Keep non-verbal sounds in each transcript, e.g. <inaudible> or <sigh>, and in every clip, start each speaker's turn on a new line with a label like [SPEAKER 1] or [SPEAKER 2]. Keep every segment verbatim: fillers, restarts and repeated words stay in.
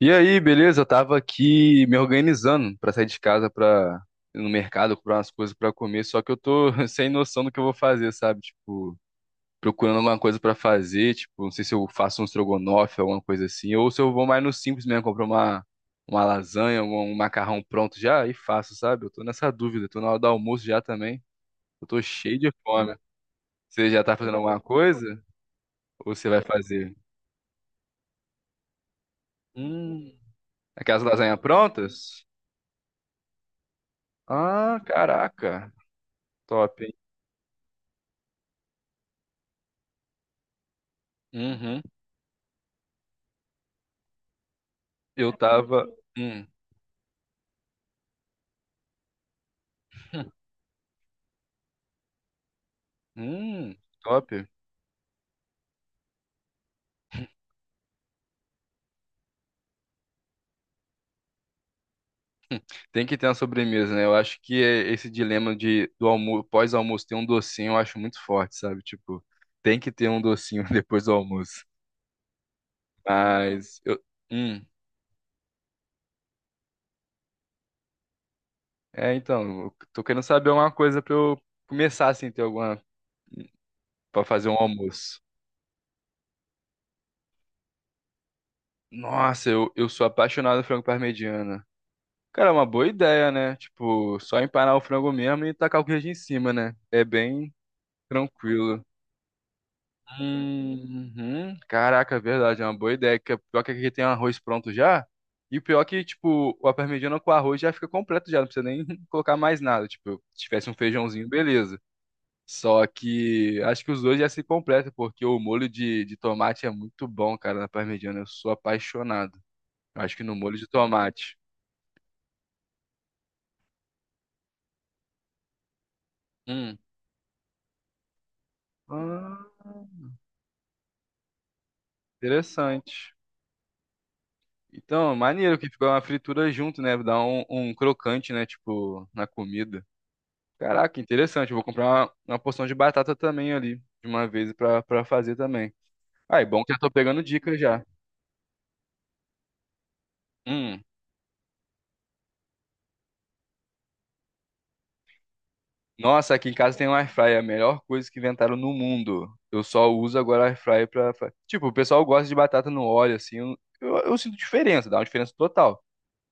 [SPEAKER 1] E aí, beleza? Eu tava aqui me organizando pra sair de casa pra ir no mercado comprar umas coisas pra comer, só que eu tô <laughs> sem noção do que eu vou fazer, sabe? Tipo, procurando alguma coisa pra fazer, tipo, não sei se eu faço um estrogonofe, alguma coisa assim, ou se eu vou mais no simples mesmo, comprar uma, uma lasanha, um, um macarrão pronto já e faço, sabe? Eu tô nessa dúvida, tô na hora do almoço já também. Eu tô cheio de fome. Você já tá fazendo alguma coisa? Ou você vai fazer? Hum, aquelas lasanhas prontas? Ah, caraca. Top, hein? Uhum. Eu tava. Hum, hum, top. <laughs> Tem que ter uma sobremesa, né? Eu acho que é esse dilema de do almoço, pós-almoço ter um docinho, eu acho muito forte, sabe? Tipo, tem que ter um docinho <laughs> depois do almoço. Mas eu, hum, é então, eu tô querendo saber uma coisa pra eu começar assim ter alguma pra fazer um almoço. Nossa, eu, eu sou apaixonado por frango parmegiana. Cara, é uma boa ideia, né? Tipo, só empanar o frango mesmo e tacar o queijo em cima, né? É bem tranquilo. Uhum. Caraca, é verdade, é uma boa ideia. Que o pior que aqui tem arroz pronto já. E o pior que, tipo, a parmegiana com arroz já fica completo já, não precisa nem <laughs> colocar mais nada. Tipo, se tivesse um feijãozinho, beleza. Só que acho que os dois já se completam, porque o molho de, de tomate é muito bom, cara, na parmegiana. Eu sou apaixonado. Eu acho que no molho de tomate. Hum. Ah, interessante. Então, maneiro que ficou uma fritura junto, né? Dá um, um crocante, né? Tipo, na comida. Caraca, interessante. Eu vou comprar uma, uma porção de batata também ali, de uma vez pra, pra fazer também. Ah, é bom que já tô pegando dicas já. Hum. Nossa, aqui em casa tem um air fryer, a melhor coisa que inventaram no mundo. Eu só uso agora air fryer pra... fa- Tipo, o pessoal gosta de batata no óleo, assim. Eu, eu, eu sinto diferença, dá uma diferença total.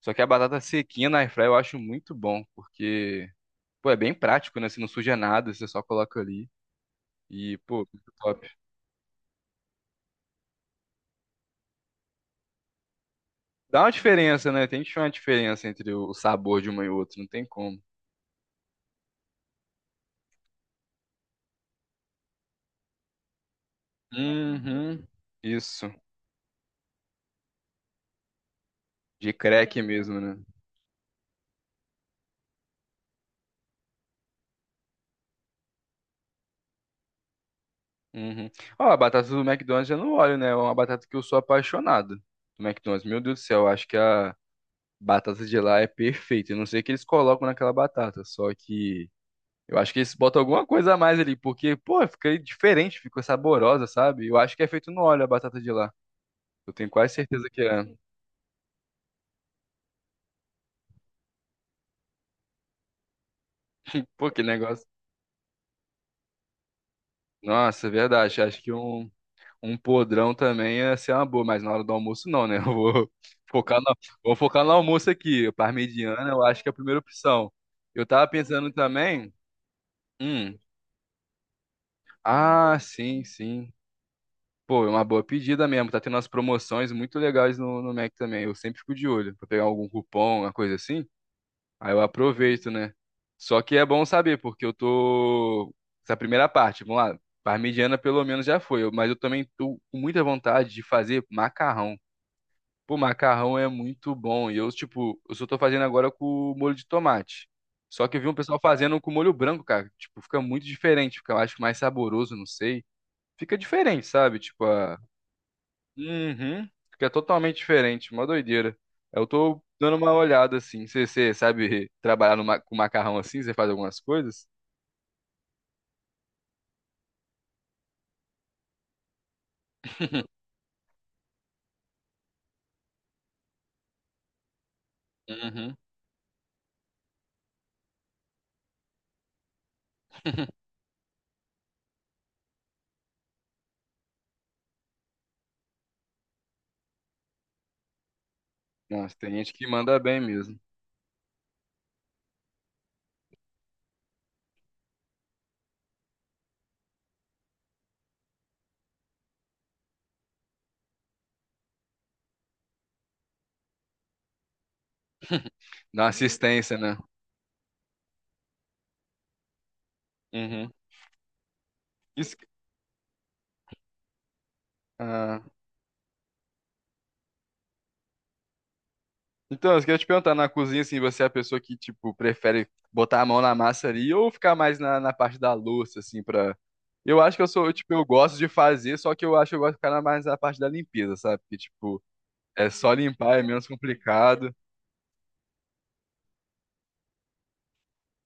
[SPEAKER 1] Só que a batata sequinha na air fryer eu acho muito bom, porque, pô, é bem prático, né? Você não suja nada, você só coloca ali. E, pô, muito top. Dá uma diferença, né? Tem que ter uma diferença entre o sabor de uma e outra, não tem como. Uhum. Isso. De crack mesmo, né? Uhum. Ó, a batata do McDonald's eu não olho, né? É uma batata que eu sou apaixonado do McDonald's. Meu Deus do céu, eu acho que a batata de lá é perfeita. Eu não sei o que eles colocam naquela batata, só que eu acho que eles botam alguma coisa a mais ali, porque, pô, fica diferente, fica saborosa, sabe? Eu acho que é feito no óleo a batata de lá. Eu tenho quase certeza que é. Pô, que negócio. Nossa, é verdade. Acho que um. Um podrão também ia ser uma boa, mas na hora do almoço não, né? <laughs> Eu vou focar no, vou focar no almoço aqui. Parmegiana, eu acho que é a primeira opção. Eu tava pensando também. Hum, ah, sim, sim. Pô, é uma boa pedida mesmo. Tá tendo umas promoções muito legais no, no Mac também. Eu sempre fico de olho pra pegar algum cupom, uma coisa assim. Aí eu aproveito, né? Só que é bom saber, porque eu tô. Essa primeira parte, vamos lá. Parmegiana pelo menos já foi, eu- mas eu também tô com muita vontade de fazer macarrão. Pô, macarrão é muito bom. E eu, tipo, eu só tô fazendo agora com molho de tomate. Só que eu vi um pessoal fazendo com molho branco, cara. Tipo, fica muito diferente. Fica, eu acho, mais saboroso, não sei. Fica diferente, sabe? Tipo, a... Uhum. Fica totalmente diferente. Uma doideira. Eu tô dando uma olhada, assim. Você você sabe trabalhar no ma- com macarrão assim? Você faz algumas coisas? <laughs> Uhum. Nossa, tem gente que manda bem mesmo. Dá uma assistência, né? Uhum. Isso... Então, eu queria te perguntar, na cozinha, assim, você é a pessoa que, tipo, prefere botar a mão na massa ali ou ficar mais na, na parte da louça, assim, pra... Eu acho que eu sou, tipo, eu gosto de fazer, só que eu acho que eu gosto de ficar na- mais na parte da limpeza, sabe? Porque, tipo, é só limpar, é menos complicado,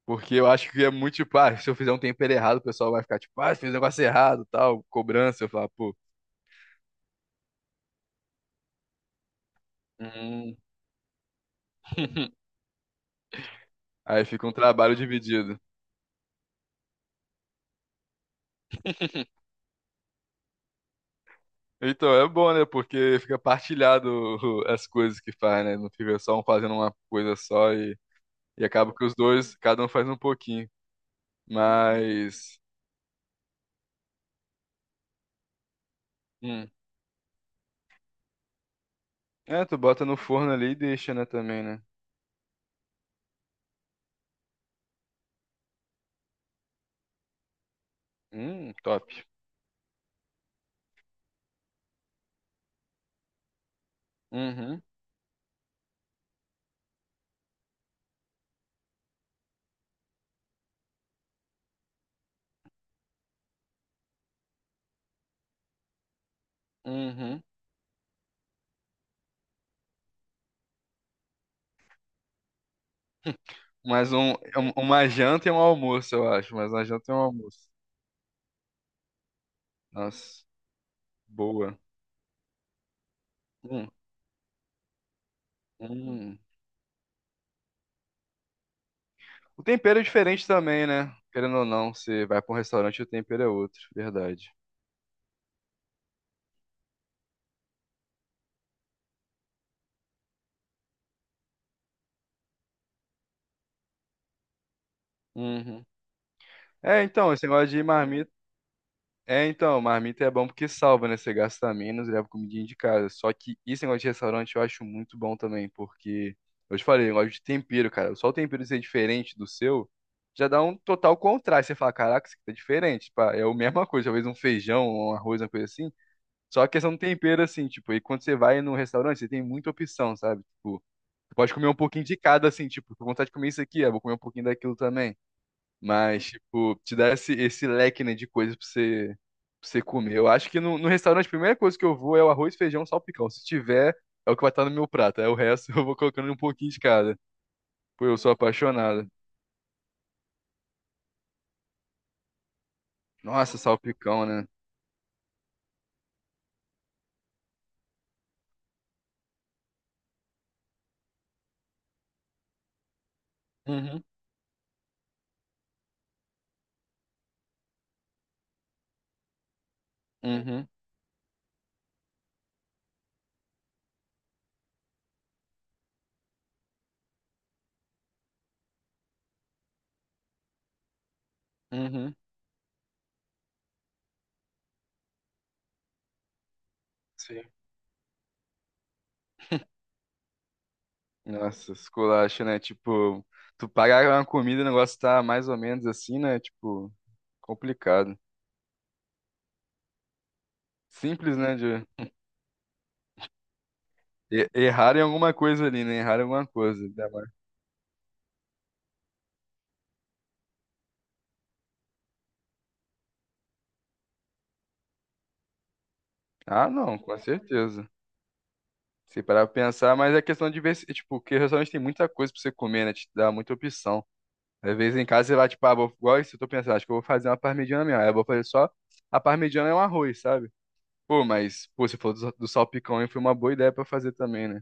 [SPEAKER 1] porque eu acho que é muito, tipo, ah, se eu fizer um tempero errado, o pessoal vai ficar, tipo, ah, fiz um negócio errado, tal, cobrança, eu falo, pô, hum. <laughs> Aí fica um trabalho dividido. Então é bom, né? Porque fica partilhado o- as coisas que faz, né? Não fica só um fazendo uma coisa só e, e acaba que os dois, cada um faz um pouquinho. Mas. Hum. É, tu bota no forno ali e deixa, né, também, né? Hum, top. Uhum, uhum. Mais um, é um- uma janta e um almoço, eu acho. Mais uma janta e um almoço. Nossa, boa. Hum, hum. O tempero é diferente também, né? Querendo ou não, você vai pra um restaurante e o tempero é outro, verdade. Uhum. É, então, esse negócio de marmita. É, então, marmita é bom porque salva, né? Você gasta menos, leva comidinha de casa. Só que esse negócio de restaurante eu acho muito bom também, porque. Eu te falei, negócio de tempero, cara. Só o tempero ser diferente do seu já dá um total contraste. Você fala, caraca, isso aqui tá diferente. Pá, é a mesma coisa, talvez um feijão, um arroz, uma coisa assim. Só a questão do tempero, assim, tipo, e quando você vai num restaurante, você tem muita opção, sabe? Tipo, você pode comer um pouquinho de cada, assim, tipo, tô com vontade de comer isso aqui, ah, vou comer um pouquinho daquilo também. Mas, tipo, te dá esse, esse leque, né, de coisas pra você, pra você comer. Eu acho que no, no restaurante a primeira coisa que eu vou é o arroz, feijão, salpicão. Se tiver, é o que vai estar no meu prato. Aí o resto <laughs> eu vou colocando um pouquinho de cada. Pô, eu sou apaixonado. Nossa, salpicão, né? Uhum, uhum, uhum. Sim. Nossa, esculacho, né? Tipo, tu pagar uma comida, o negócio tá mais ou menos assim, né? Tipo, complicado. Simples, né? De e- errar em alguma coisa ali, né? Errar em alguma coisa. Ainda mais. Ah, não, com certeza. Se parar pra pensar, mas é questão de ver, se- tipo, porque restaurante tem muita coisa pra você comer, né? Te dá muita opção. Às vezes em casa você vai, tipo, ah, vou, igual isso, eu tô pensando, acho que eu vou fazer uma parmegiana mesmo. Aí eu vou fazer só a parmegiana e um arroz, sabe? Pô, mas, pô, você falou do, do salpicão, hein? Foi uma boa ideia pra fazer também, né?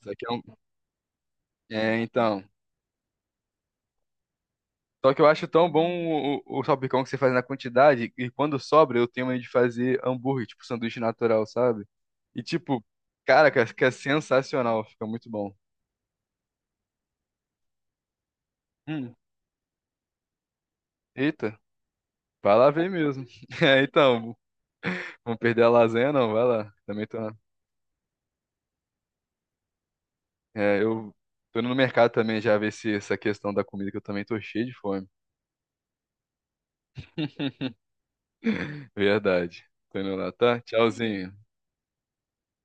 [SPEAKER 1] Isso aqui é um... É, então. Só que eu acho tão bom o, o, o salpicão que você faz na quantidade, e quando sobra, eu tenho medo de fazer hambúrguer, tipo, sanduíche natural, sabe? E, tipo, cara, que é que é sensacional, fica muito bom. Hum, eita. Vai lá ver mesmo. <laughs> É, então, vamos perder a lasanha, não, vai lá. Também tô, na- é, eu tô indo no mercado também já ver se essa questão da comida que eu também tô cheio de fome. <laughs> Verdade. Tô indo lá, tá? Tchauzinho.